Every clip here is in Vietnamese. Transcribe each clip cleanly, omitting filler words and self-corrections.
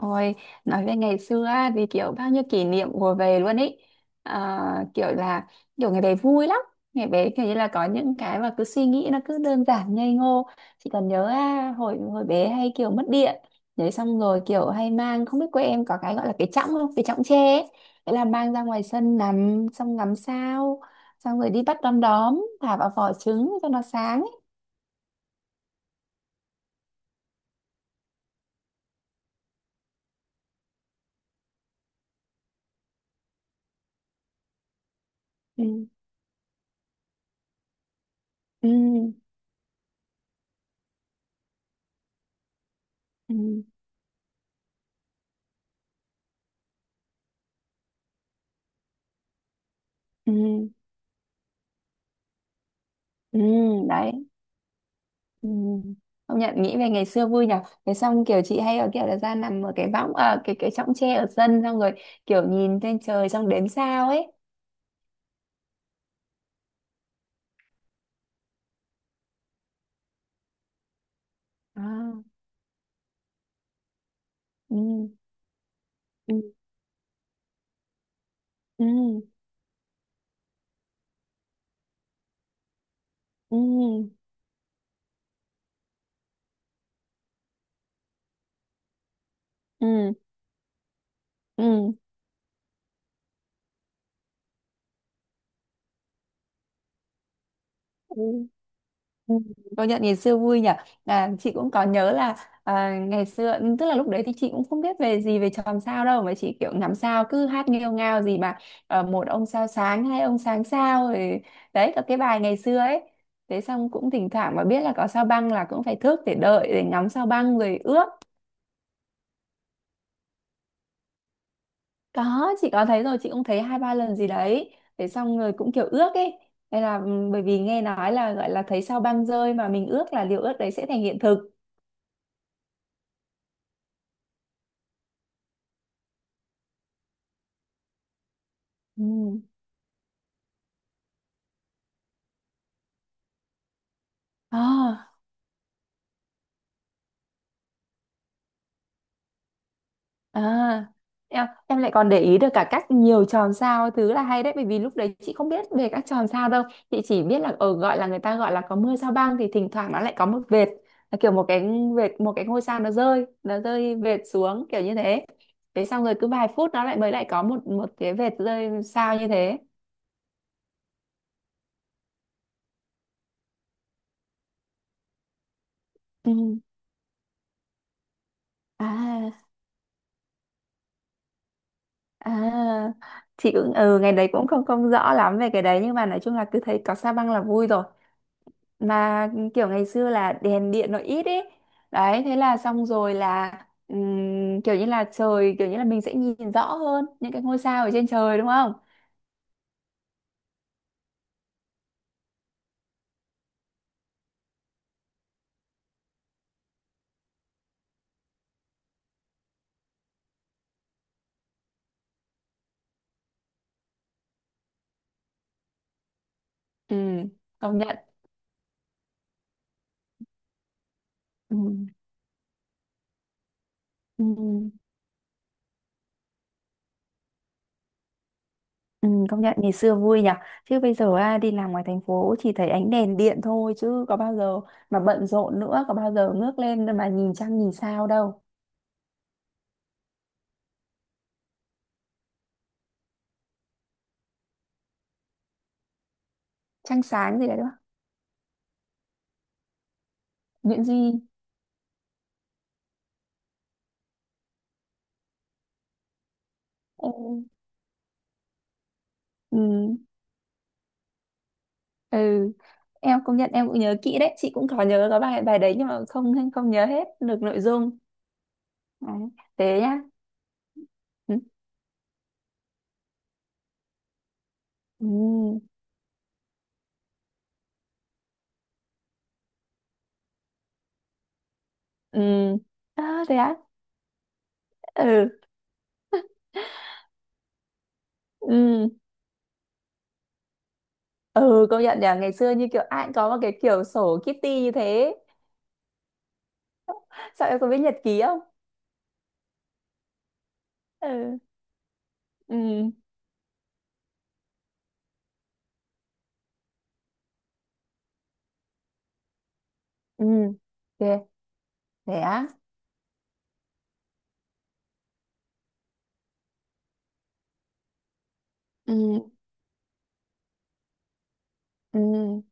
Ôi, nói về ngày xưa á, thì kiểu bao nhiêu kỷ niệm ùa về luôn ý. À, kiểu ngày bé vui lắm. Ngày bé kiểu như là có những cái mà cứ suy nghĩ nó cứ đơn giản ngây ngô, chỉ cần nhớ à, hồi hồi bé hay kiểu mất điện. Đấy, xong rồi kiểu hay mang, không biết quê em có cái gọi là cái chõng không, cái chõng tre ấy. Thế là mang ra ngoài sân nằm xong ngắm sao, xong rồi đi bắt đom đóm thả vào vỏ trứng cho nó sáng ấy. Ừ. Ừ. Ừ. Ừ. Ừ. Đấy. Ừ. Công nhận nghĩ về ngày xưa vui nhở. Thế xong kiểu chị hay ở kiểu là ra nằm ở cái võng, ở cái chõng tre ở sân, xong rồi kiểu nhìn lên trời xong đếm sao ấy. À. Ừ. Ừ. Ừ. Ừ. Ừ. Ừ. Ừ. Ừ, công nhận ngày xưa vui nhỉ. À, chị cũng có nhớ là à, ngày xưa ừ, tức là lúc đấy thì chị cũng không biết về gì về chòm sao đâu, mà chị kiểu ngắm sao cứ hát nghêu ngao gì mà ờ, một ông sao sáng, hai ông sáng sao rồi. Đấy, có cái bài ngày xưa ấy. Thế xong cũng thỉnh thoảng mà biết là có sao băng là cũng phải thức để đợi để ngắm sao băng rồi ước. Có, chị có thấy rồi, chị cũng thấy hai ba lần gì đấy. Thế xong rồi cũng kiểu ước ấy. Đây là ừ, bởi vì nghe nói là gọi là thấy sao băng rơi mà mình ước là điều ước đấy sẽ thành hiện thực. Ừ. À. À, em lại còn để ý được cả cách nhiều tròn sao thứ là hay đấy, bởi vì lúc đấy chị không biết về các tròn sao đâu. Chị chỉ biết là ở gọi là người ta gọi là có mưa sao băng thì thỉnh thoảng nó lại có một vệt, là kiểu một cái vệt, một cái ngôi sao nó rơi vệt xuống kiểu như thế. Thế xong rồi cứ vài phút nó lại mới lại có một một cái vệt rơi sao như thế. Ừ. À. À, chị cũng ừ, ngày đấy cũng không không rõ lắm về cái đấy, nhưng mà nói chung là cứ thấy có sao băng là vui rồi. Mà kiểu ngày xưa là đèn điện nó ít ấy. Đấy, thế là xong rồi là kiểu như là trời kiểu như là mình sẽ nhìn rõ hơn những cái ngôi sao ở trên trời đúng không. Ừ, công nhận. Ừ, ừ, ừ, công nhận ngày xưa vui nhỉ. Chứ bây giờ à, đi làm ngoài thành phố chỉ thấy ánh đèn điện thôi chứ có bao giờ, mà bận rộn nữa, có bao giờ ngước lên mà nhìn trăng nhìn sao đâu. Trăng sáng gì đấy đúng không. Nguyễn Duy. Ừ. Ừ. Ừ, em công nhận em cũng nhớ kỹ đấy, chị cũng có nhớ có bài bài đấy, nhưng mà không không nhớ hết được nội dung. Đấy. Thế nhá. Ừ. Ừ. Ừ. À, thế á. Ừ. Ừ. Ừ, công nhận nhỉ, ngày xưa như kiểu ai cũng có một cái kiểu sổ Kitty như thế. Sao, em có biết nhật ký không. Ừ. Ừ. Ừ. thế thế á. Ừ. Ừ.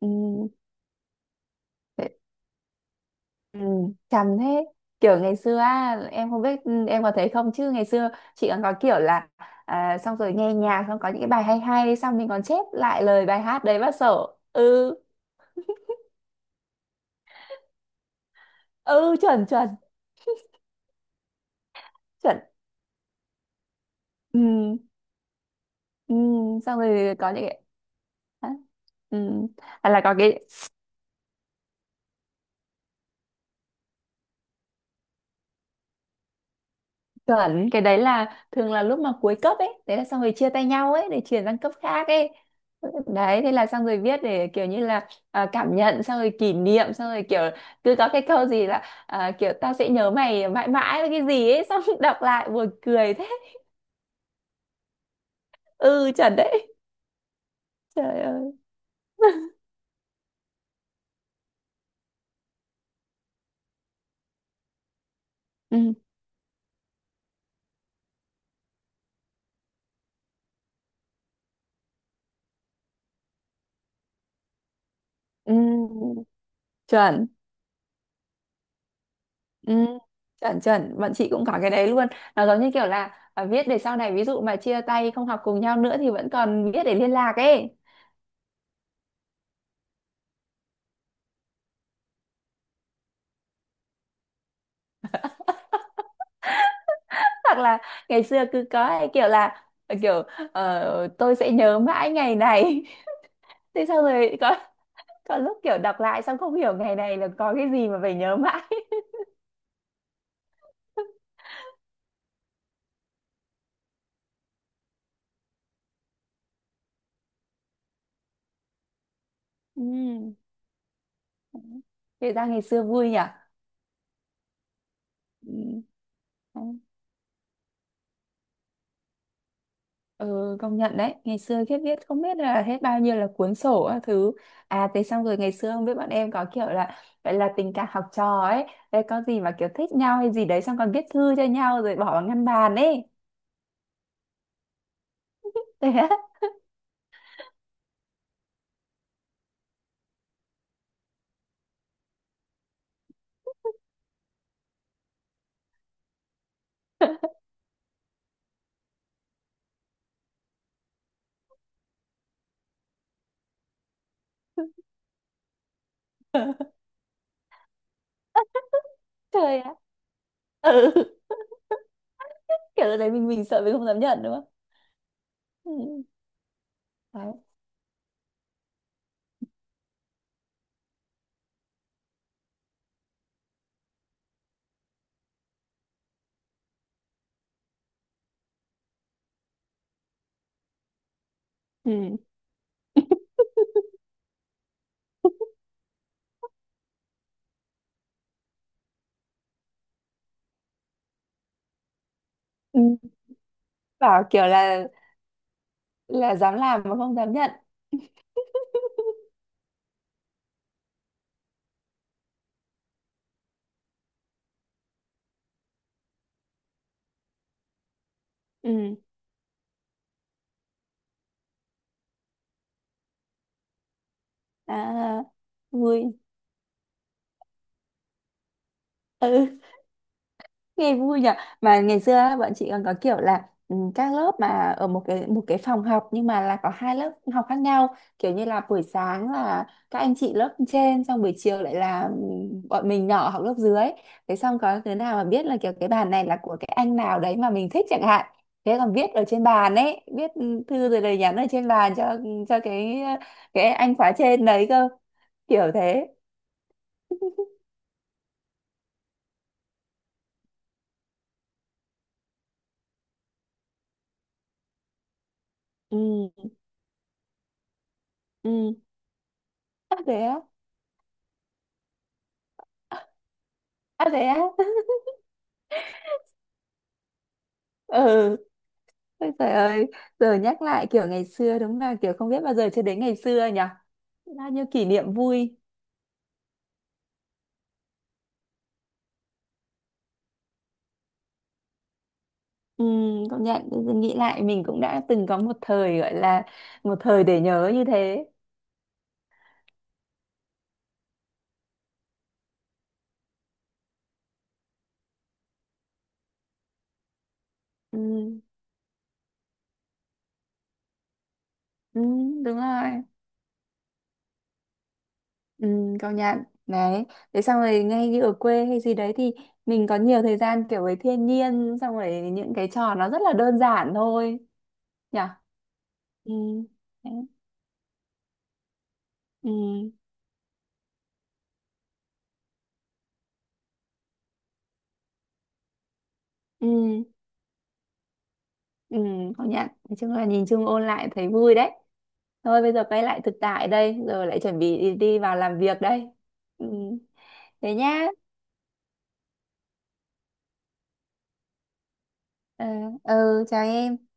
Ừ. Ừ, chằm thế. Kiểu ngày xưa á, em không biết ừ, em có thấy không, chứ ngày xưa chị còn có kiểu là à, xong rồi nghe nhạc xong có những cái bài hay hay xong mình còn chép lại lời bài hát đấy vào sổ. Ừ. Ừ, chuẩn chuẩn. Chuẩn. Ừ, ừ. Xong rồi có những cái. Hả? Ừ. Hay là có cái. Chuẩn, cái đấy là thường là lúc mà cuối cấp ấy, đấy là xong rồi chia tay nhau ấy để chuyển sang cấp khác ấy. Đấy, thế là xong rồi viết để kiểu như là à, cảm nhận, xong rồi kỷ niệm, xong rồi kiểu cứ có cái câu gì là à, kiểu tao sẽ nhớ mày mãi mãi với cái gì ấy, xong đọc lại buồn cười thế. Ừ, chuẩn đấy. Trời ơi. Ừ, ừ, chuẩn. Ừ, chuẩn chuẩn, bọn chị cũng có cái đấy luôn. Nó giống như kiểu là à, viết để sau này ví dụ mà chia tay không học cùng nhau nữa thì vẫn còn viết để liên lạc ấy. Hoặc là ngày xưa cứ có cái kiểu là ờ, kiểu ờ, tôi sẽ nhớ mãi ngày này. Thế xong rồi có lúc kiểu đọc lại xong không hiểu ngày này là có cái gì mà phải nhớ mãi. Ừ. Kể ra ngày xưa vui nhỉ. Ừ. Đấy. Ừ, công nhận đấy, ngày xưa khiếp viết không biết là hết bao nhiêu là cuốn sổ các thứ. À, thế xong rồi ngày xưa không biết bọn em có kiểu là vậy là tình cảm học trò ấy. Đấy, có gì mà kiểu thích nhau hay gì đấy xong còn viết thư cho nhau rồi bỏ vào ngăn bàn ấy. Thế á. Trời ạ. Ừ, kiểu lúc đấy mình sợ mình không dám nhận nữa. Ừ. Đấy. Ừ. Ừ. Bảo kiểu là dám làm mà không dám nhận. Ừ. À, vui. Ừ. Nghe vui nhỉ. Mà ngày xưa á, bọn chị còn có kiểu là ừ, các lớp mà ở một cái phòng học nhưng mà là có hai lớp học khác nhau, kiểu như là buổi sáng là các anh chị lớp trên, xong buổi chiều lại là ừ, bọn mình nhỏ học lớp dưới. Thế xong có đứa nào mà biết là kiểu cái bàn này là của cái anh nào đấy mà mình thích chẳng hạn, thế còn viết ở trên bàn ấy, viết ừ, thư rồi lời nhắn ở trên bàn cho cái anh khóa trên đấy cơ. Kiểu thế. Ừ. Ừ. À, thế á. À, thế á. Ừ. Ôi trời ơi, giờ nhắc lại kiểu ngày xưa đúng là kiểu không biết bao giờ chưa đến ngày xưa nhỉ. Bao nhiêu kỷ niệm vui. Ừ, công nhận giờ nghĩ lại mình cũng đã từng có một thời gọi là một thời để nhớ như thế. Ừ, ừ đúng rồi. Ừ, công nhận. Đấy, thế xong rồi ngay như ở quê hay gì đấy thì mình có nhiều thời gian kiểu với thiên nhiên xong rồi những cái trò nó rất là đơn giản thôi nhỉ. Ừ. Đấy. Ừ. Ừ. Ừ, công nhận. Nói chung là nhìn chung ôn lại thấy vui đấy. Thôi bây giờ quay lại thực tại đây, rồi lại chuẩn bị đi, đi vào làm việc đây. Ừ, thế nhá. Ờ, ừ, chào em.